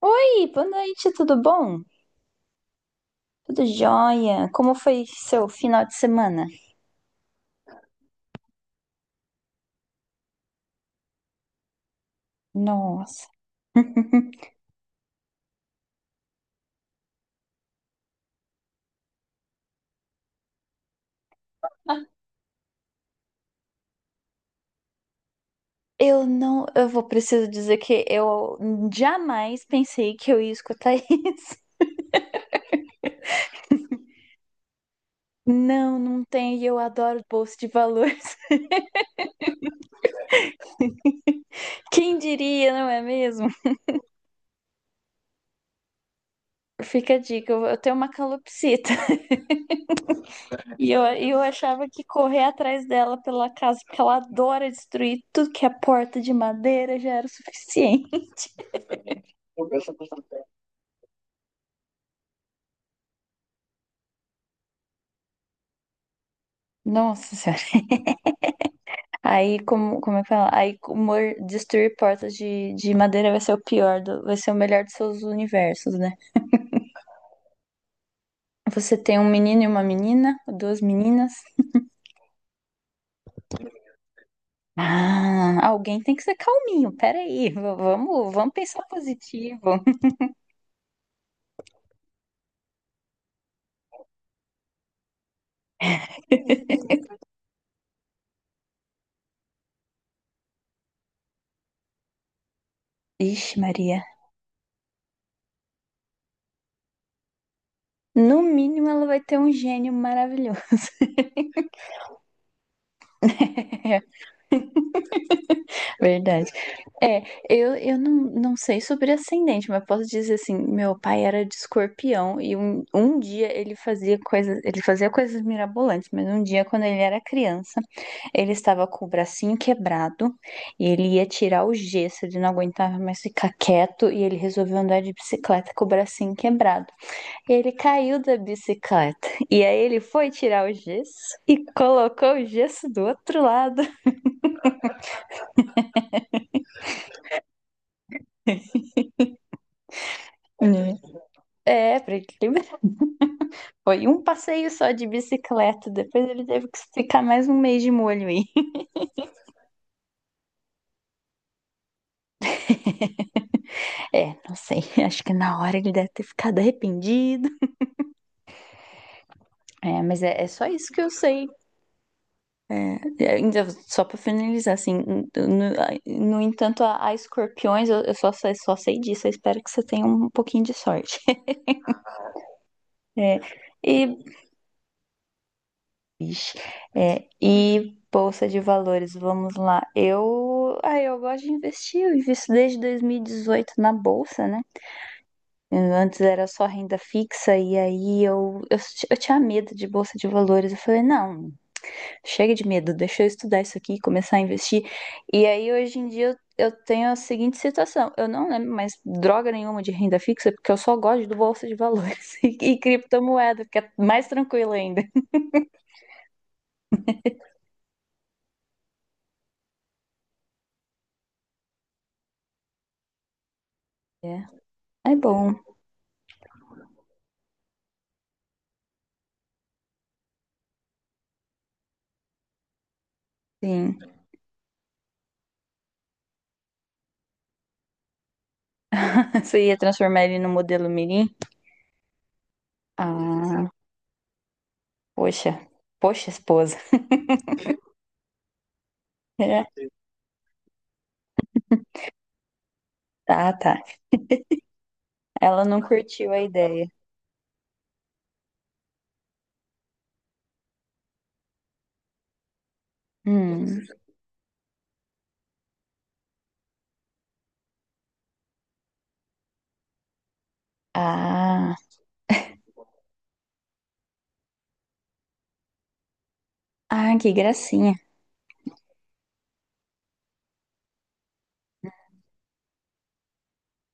Oi, boa noite, tudo bom? Tudo jóia? Como foi seu final de semana? Nossa. Eu não, eu vou preciso dizer que eu jamais pensei que eu ia escutar isso. Não, não tem, e eu adoro bolsa de valores. Quem diria, não é mesmo? Fica a dica, eu tenho uma calopsita. E eu achava que correr atrás dela pela casa, porque ela adora destruir tudo que é porta de madeira, já era o suficiente. Nossa. Aí, como é que fala? Aí, destruir portas de madeira vai ser vai ser o melhor dos seus universos, né? Você tem um menino e uma menina, duas meninas. Ah, alguém tem que ser calminho, peraí, vamos, vamos pensar positivo. Ixi, Maria. No mínimo, ela vai ter um gênio maravilhoso. Verdade. É, eu não, não sei sobre ascendente, mas posso dizer assim, meu pai era de escorpião e um dia ele fazia coisas mirabolantes, mas um dia quando ele era criança, ele estava com o bracinho quebrado e ele ia tirar o gesso, ele não aguentava mais ficar quieto e ele resolveu andar de bicicleta com o bracinho quebrado. E ele caiu da bicicleta e aí ele foi tirar o gesso e colocou o gesso do outro lado. Né? É, pra ele. Foi um passeio só de bicicleta, depois ele teve que ficar mais um mês de molho aí. É, não sei, acho que na hora ele deve ter ficado arrependido. É, mas é só isso que eu sei. Ainda só pra finalizar, assim, no, no entanto, a escorpiões, só sei disso, eu espero que você tenha um pouquinho de sorte. É, e, ixi, é, e bolsa de valores, vamos lá. Eu, ah, eu gosto de investir, eu invisto desde 2018 na bolsa, né? Antes era só renda fixa e aí eu tinha medo de bolsa de valores. Eu falei, não, chega de medo, deixa eu estudar isso aqui e começar a investir. E aí hoje em dia eu tenho a seguinte situação: eu não lembro mais droga nenhuma de renda fixa, porque eu só gosto do bolsa de valores e criptomoeda, que é mais tranquilo ainda. É, é bom, sim. Você ia transformar ele no modelo Mirim? Ah, poxa, poxa, esposa. É, tá, tá. Ela não curtiu a ideia. Hum. Ah, ah, que gracinha.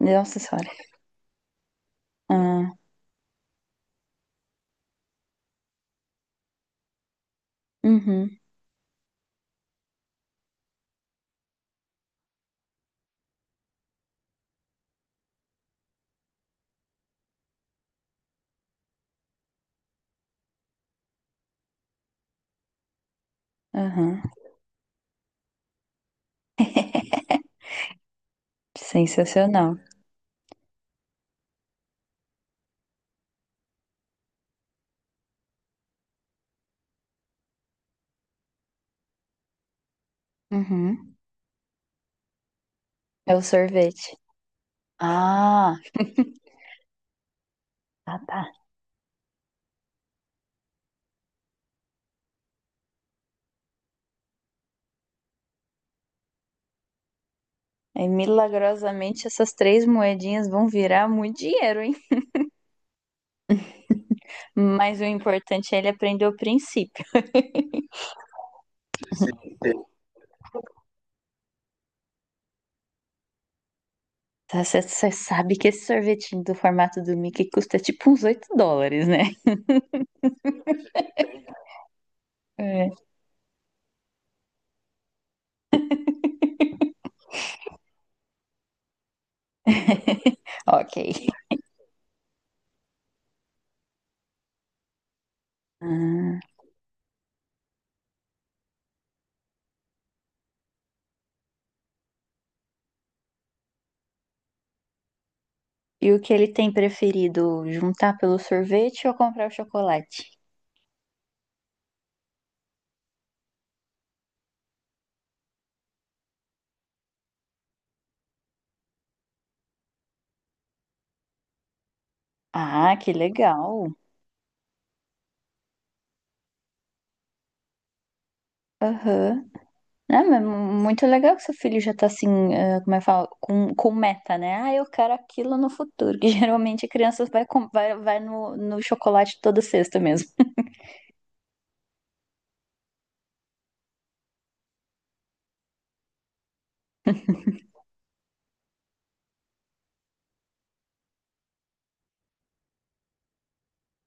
Nossa senhora. Ah, uhum, uhum. Sensacional. Uhum. É o sorvete. Ah, ah, tá. É, milagrosamente essas três moedinhas vão virar muito dinheiro, hein? Mas o importante é ele aprender o princípio. Você sabe que esse sorvetinho do formato do Mickey custa tipo uns 8 dólares, né? É. Ok. Ah, e o que ele tem preferido? Juntar pelo sorvete ou comprar o chocolate? Ah, que legal. Aham. Ah, mas muito legal que seu filho já tá assim, ah, como é que fala, com meta, né? Ah, eu quero aquilo no futuro. Que geralmente a criança vai no chocolate toda sexta mesmo.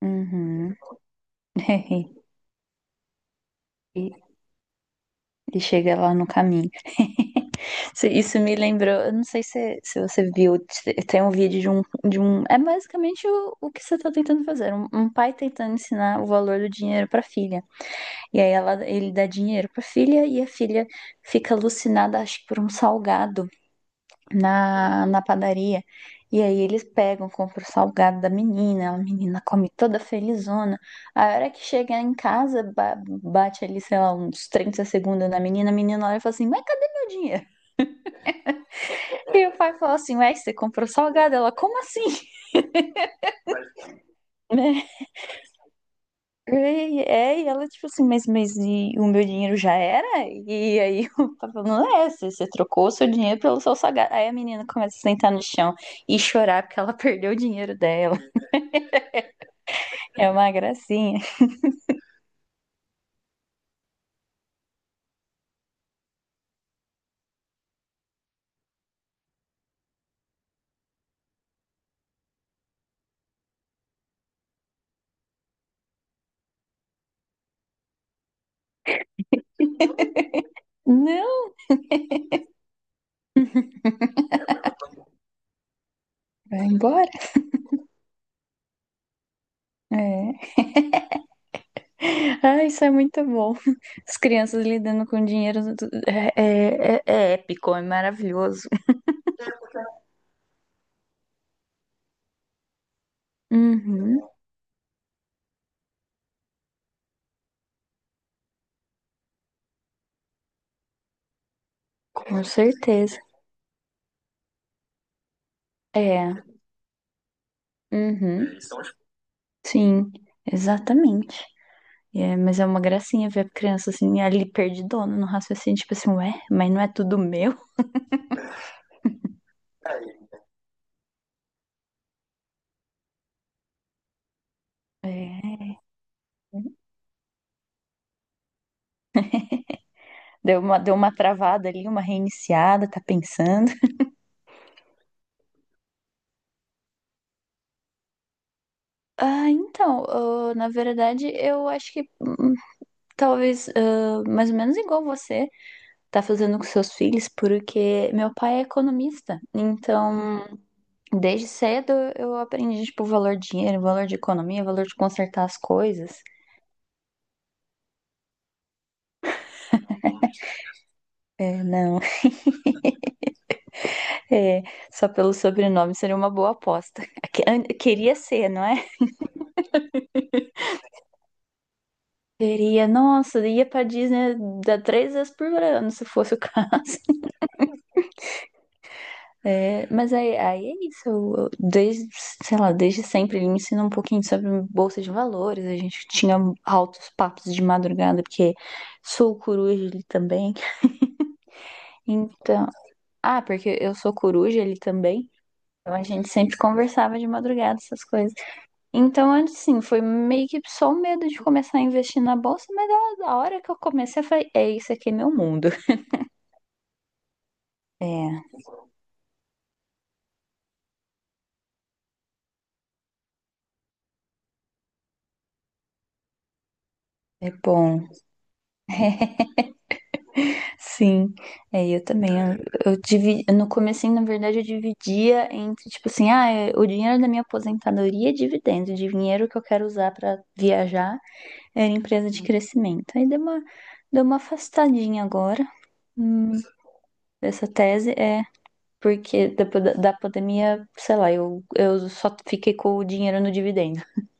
Uhum. E, e chega lá no caminho. Isso me lembrou, eu não sei se você viu, tem um vídeo de um. É basicamente o que você tá tentando fazer. Um pai tentando ensinar o valor do dinheiro pra filha. E aí ele dá dinheiro pra filha e a filha fica alucinada, acho que por um salgado na padaria. E aí eles pegam, compram o salgado da menina, a menina come toda felizona. A hora que chega em casa, bate ali, sei lá, uns 30 segundos na menina, a menina olha e fala assim, mas cadê meu dinheiro? E o pai fala assim, ué, você comprou salgado? Ela, como assim? E, é, e ela, tipo assim, mas e o meu dinheiro já era? E aí o papai falando, é, você trocou o seu dinheiro pelo seu sagrado. Aí a menina começa a sentar no chão e chorar porque ela perdeu o dinheiro dela. É uma gracinha. Não, vai embora. É. Ah, isso é muito bom. As crianças lidando com dinheiro é épico, é maravilhoso. Uhum, com certeza. É, uhum, sim, exatamente. E mas é uma gracinha ver a criança assim, ali perdidona no raciocínio, tipo assim, ué, mas não é tudo meu? É. Deu uma travada ali, uma reiniciada, tá pensando. Ah, então, ah, na verdade, eu acho que talvez ah, mais ou menos igual você tá fazendo com seus filhos, porque meu pai é economista. Então, desde cedo eu aprendi, tipo, o valor de dinheiro, o valor de economia, o valor de consertar as coisas. É, né? É, só pelo sobrenome seria uma boa aposta. Queria ser, não é? Queria, nossa, ia pra Disney da três vezes por ano, se fosse o caso. É, mas aí é isso. Desde, sei lá, desde sempre ele me ensinou um pouquinho sobre bolsa de valores. A gente tinha altos papos de madrugada, porque sou coruja ele também. Então, ah, porque eu sou coruja ele também. Então a gente sempre conversava de madrugada essas coisas. Então, assim, foi meio que só o medo de começar a investir na bolsa, mas a hora que eu comecei, eu falei, é isso aqui é meu mundo. É, é bom. Sim, é, eu também. Eu dividi, no comecinho, na verdade, eu dividia entre, tipo assim, ah, é, o dinheiro da minha aposentadoria é dividendo, o dinheiro que eu quero usar pra viajar era empresa de crescimento. Aí deu uma afastadinha agora, hum, dessa tese. É, porque depois da pandemia, sei lá, eu só fiquei com o dinheiro no dividendo.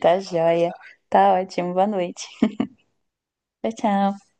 Tá joia. Tá ótimo. Boa noite. Tchau, tchau.